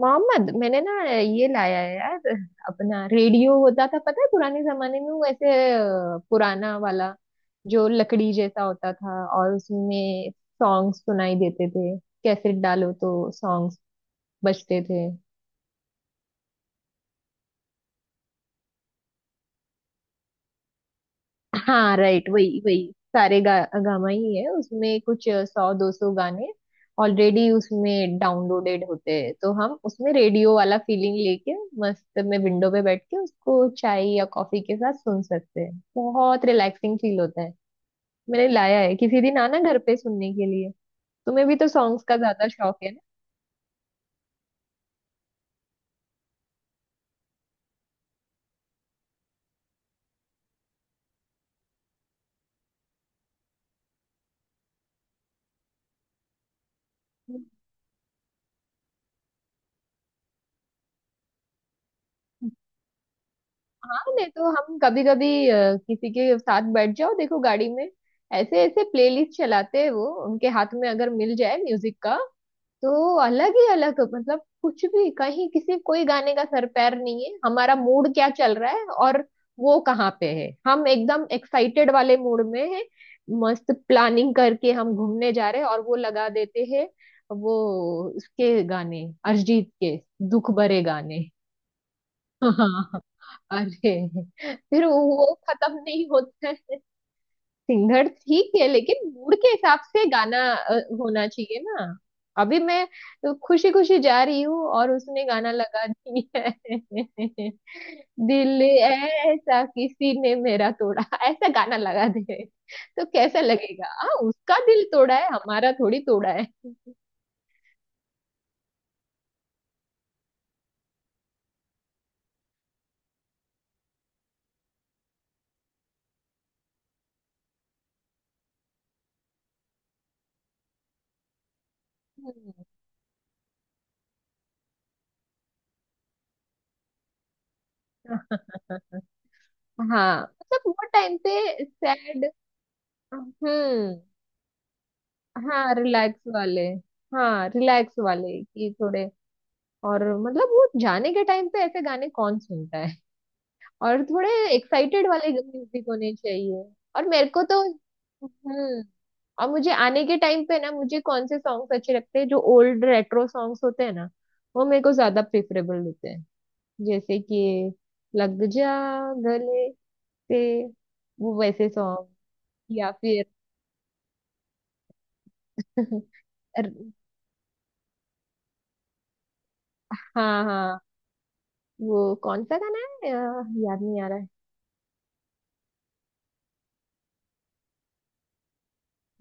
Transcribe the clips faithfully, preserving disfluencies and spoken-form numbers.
मोहम्मद, मैंने ना ये लाया है यार। अपना रेडियो होता था, पता है? पुराने जमाने में वो ऐसे अ, पुराना वाला जो लकड़ी जैसा होता था और उसमें सॉन्ग सुनाई देते थे। कैसेट डालो तो सॉन्ग्स बजते थे। हाँ, राइट। वही वही सारे गा, गामा ही है। उसमें कुछ सौ दो सौ गाने ऑलरेडी उसमें डाउनलोडेड होते हैं, तो हम उसमें रेडियो वाला फीलिंग लेके मस्त में विंडो पे बैठ के उसको चाय या कॉफी के साथ सुन सकते हैं। बहुत रिलैक्सिंग फील होता है। मैंने लाया है, किसी दिन आना घर पे सुनने के लिए। तुम्हें भी तो सॉन्ग्स का ज्यादा शौक है ना। हाँ, नहीं तो हम कभी कभी किसी के साथ बैठ जाओ, देखो गाड़ी में ऐसे ऐसे प्लेलिस्ट चलाते हैं। वो उनके हाथ में अगर मिल जाए म्यूजिक का, तो अलग ही अलग मतलब कुछ भी, कहीं किसी कोई गाने का सर पैर नहीं है। हमारा मूड क्या चल रहा है और वो कहाँ पे है। हम एकदम एक्साइटेड वाले मूड में है, मस्त प्लानिंग करके हम घूमने जा रहे हैं, और वो लगा देते हैं वो उसके गाने, अरिजीत के दुख भरे गाने। हाँ। अरे, फिर वो वो खत्म नहीं होता है। सिंगर ठीक है, लेकिन मूड के हिसाब से गाना अ, होना चाहिए ना। अभी मैं खुशी खुशी जा रही हूँ और उसने गाना लगा दिया है। दिल ऐसा किसी ने मेरा तोड़ा, ऐसा गाना लगा दे तो कैसा लगेगा। हाँ, उसका दिल तोड़ा है, हमारा थोड़ी तोड़ा है। हम्म। हाँ, मतलब वो टाइम पे सैड। हम्म। हाँ, रिलैक्स वाले। हाँ, रिलैक्स वाले कि थोड़े। और मतलब वो जाने के टाइम पे ऐसे गाने कौन सुनता है। और थोड़े एक्साइटेड वाले म्यूजिक होने चाहिए। और मेरे को तो हम्म। और मुझे आने के टाइम पे ना, मुझे कौन से सॉन्ग्स अच्छे लगते हैं? जो ओल्ड रेट्रो सॉन्ग्स होते हैं ना, वो मेरे को ज्यादा प्रेफरेबल होते हैं। जैसे कि लग जा गले से, वो वैसे सॉन्ग। या फिर हाँ हाँ, वो कौन सा गाना है अ, याद नहीं आ रहा है।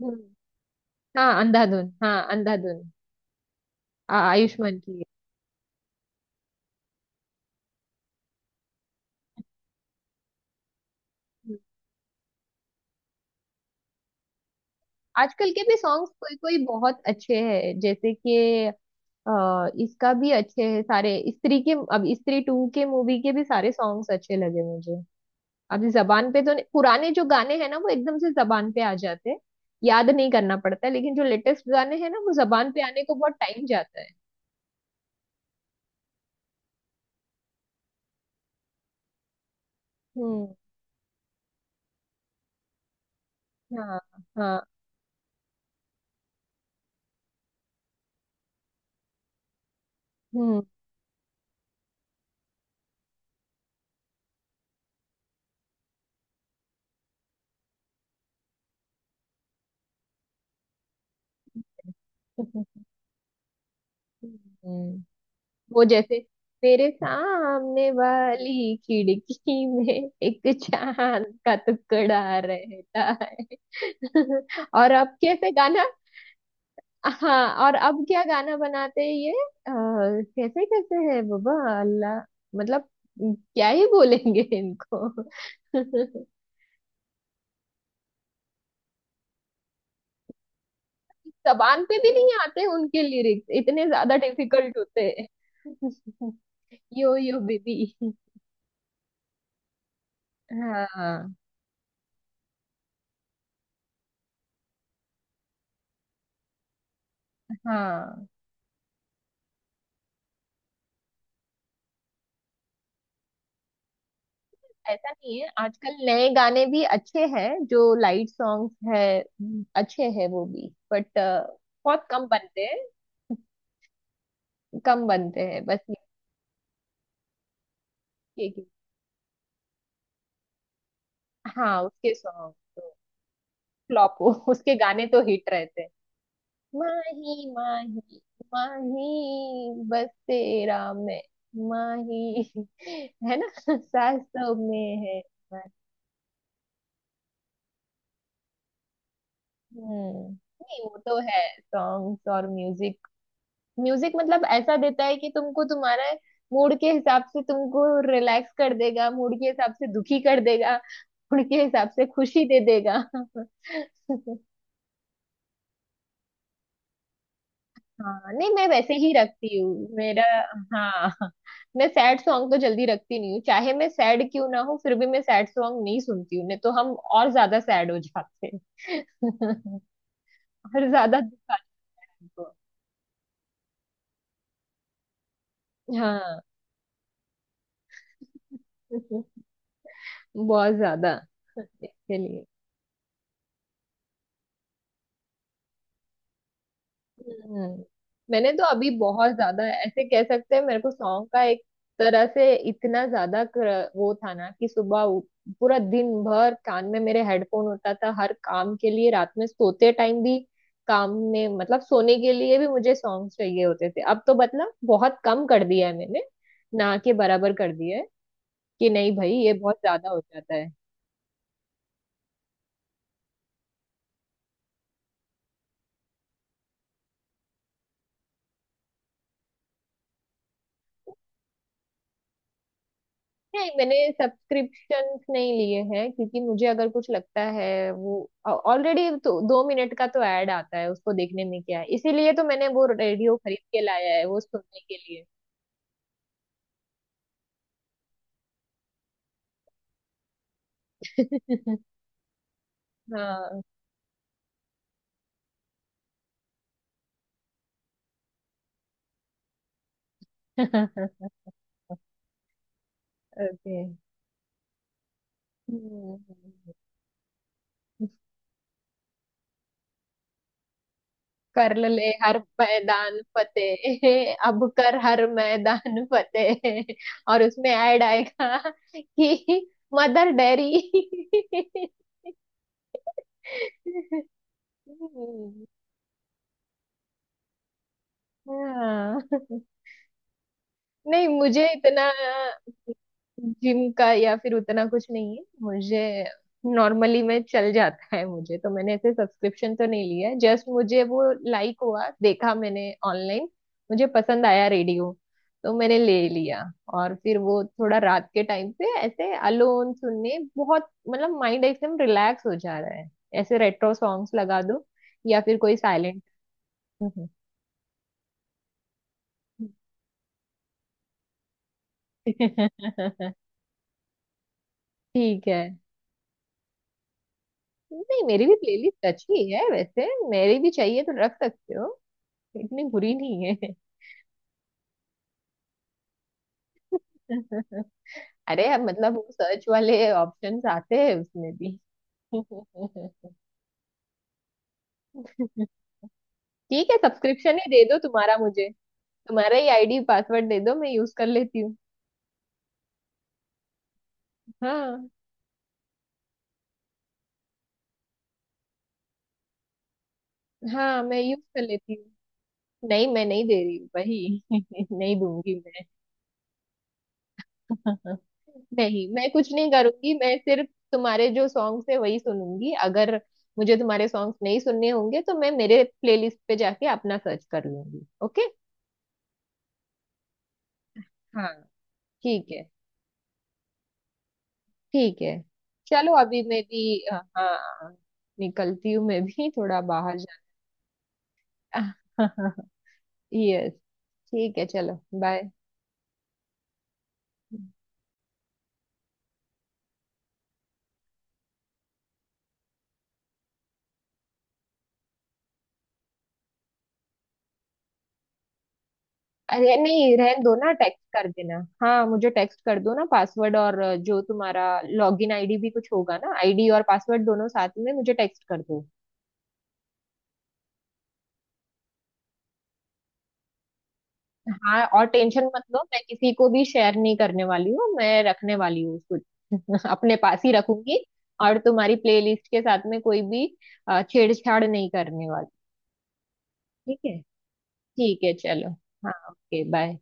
हम्म। हाँ, अंधाधुन। हाँ, अंधाधुन। आ- आयुष्मान की है। हम्म। आजकल के भी सॉन्ग्स कोई कोई बहुत अच्छे हैं। जैसे कि अ, इसका भी अच्छे है सारे। स्त्री के, अब स्त्री टू के मूवी के भी सारे सॉन्ग्स अच्छे लगे मुझे। अब जबान पे तो नहीं- पुराने जो गाने हैं ना वो एकदम से जबान पे आ जाते हैं, याद नहीं करना पड़ता है, लेकिन जो लेटेस्ट गाने हैं ना वो जबान पे आने को बहुत टाइम जाता है। हम्म। हाँ हाँ। हम्म। हम्म। हम्म। वो जैसे, तेरे सामने वाली खिड़की में एक चांद का टुकड़ा रहता है। और अब कैसे गाना। हाँ, और अब क्या गाना बनाते हैं ये अ, कैसे कैसे है बाबा, अल्लाह, मतलब क्या ही बोलेंगे इनको। जबान पे भी नहीं आते उनके लिरिक्स, इतने ज्यादा डिफिकल्ट होते हैं। यो यो बेबी। हाँ हाँ। ऐसा नहीं है, आजकल नए गाने भी अच्छे हैं जो लाइट सॉन्ग्स है, अच्छे हैं वो भी, बट बहुत कम बनते हैं। कम बनते हैं बस। ये कि हाँ, उसके सॉन्ग तो फ्लॉप हो उसके गाने तो हिट रहते हैं। माही माही, माही बस तेरा मैं माही है ना। सासों में है। हम्म। नहीं, वो तो है सॉन्ग्स और म्यूजिक। म्यूजिक मतलब ऐसा देता है कि तुमको, तुम्हारा मूड के हिसाब से तुमको रिलैक्स कर देगा, मूड के हिसाब से दुखी कर देगा, मूड के हिसाब से खुशी दे देगा। हाँ, नहीं मैं वैसे ही रखती हूँ मेरा। हाँ, मैं सैड सॉन्ग तो जल्दी रखती नहीं हूँ। चाहे मैं सैड क्यों ना हो, फिर भी मैं सैड सॉन्ग नहीं सुनती हूँ। नहीं तो हम और ज्यादा सैड हो जाते हैं। और ज्यादा दुख आता है हमको। हाँ। बहुत ज्यादा। इसके लिए हम्म। मैंने तो अभी बहुत ज्यादा, ऐसे कह सकते हैं, मेरे को सॉन्ग का एक तरह से इतना ज्यादा क्र- वो था ना कि सुबह उ- पूरा दिन भर कान में मेरे हेडफोन होता था हर काम के लिए, रात में सोते टाइम भी, काम में मतलब सोने के लिए भी मुझे सॉन्ग चाहिए होते थे। अब तो मतलब बहुत कम कर दिया है मैंने, ना के बराबर कर दिया है कि नहीं भाई ये बहुत ज्यादा हो जाता है। नहीं, मैंने सब्सक्रिप्शंस नहीं लिए हैं क्योंकि मुझे अगर कुछ लगता है वो ऑलरेडी, तो दो मिनट का तो ऐड आता है, उसको देखने में क्या है। इसीलिए तो मैंने वो रेडियो खरीद के लाया है वो सुनने के लिए। हाँ। ओके। हम्म। कर ले हर मैदान फतेह, अब कर हर मैदान फतेह। और उसमें ऐड आएगा कि मदर डेरी। हाँ। नहीं, मुझे इतना जिम का या फिर उतना कुछ नहीं है, मुझे नॉर्मली में चल जाता है। मुझे तो मैंने ऐसे सब्सक्रिप्शन तो नहीं लिया है, जस्ट मुझे वो लाइक हुआ, देखा मैंने ऑनलाइन, मुझे पसंद आया रेडियो, तो मैंने ले लिया। और फिर वो थोड़ा रात के टाइम पे ऐसे अलोन सुनने, बहुत मतलब माइंड एकदम रिलैक्स हो जा रहा है। ऐसे रेट्रो सॉन्ग्स लगा दो, या फिर कोई साइलेंट। ठीक है। नहीं, मेरी भी प्लेलिस्ट अच्छी है वैसे, मेरी भी चाहिए तो रख सकते हो, इतनी बुरी नहीं है। अरे, अब मतलब वो सर्च वाले ऑप्शंस आते हैं उसमें भी। ठीक है, सब्सक्रिप्शन ही दे दो तुम्हारा मुझे। तुम्हारा ही आईडी पासवर्ड दे दो, मैं यूज कर लेती हूँ। हाँ। हाँ, मैं यूज कर लेती हूँ। नहीं, मैं नहीं दे रही हूँ वही। नहीं दूंगी। नहीं, मैं कुछ नहीं करूंगी, मैं सिर्फ तुम्हारे जो सॉन्ग्स है वही सुनूंगी। अगर मुझे तुम्हारे सॉन्ग्स नहीं सुनने होंगे तो मैं मेरे प्लेलिस्ट पे जाके अपना सर्च कर लूंगी, ओके। हाँ। ठीक है। ठीक है। चलो अभी मैं भी, हाँ हाँ, निकलती हूँ मैं भी थोड़ा बाहर जाना। यस। ठीक है, चलो बाय। अरे नहीं, रहन दो ना, टेक्स्ट कर देना। हाँ, मुझे टेक्स्ट कर दो ना पासवर्ड और अ, जो तुम्हारा लॉगिन आईडी भी कुछ होगा ना, आईडी और पासवर्ड दोनों साथ में मुझे टेक्स्ट कर दो। हाँ, और टेंशन मत लो, मैं किसी को भी शेयर नहीं करने वाली हूँ, मैं रखने वाली हूँ उसको अपने पास ही रखूंगी। और तुम्हारी प्लेलिस्ट के साथ में कोई भी अ, छेड़छाड़ नहीं करने वाली। ठीक है। ठीक है, चलो। हाँ, ओके बाय।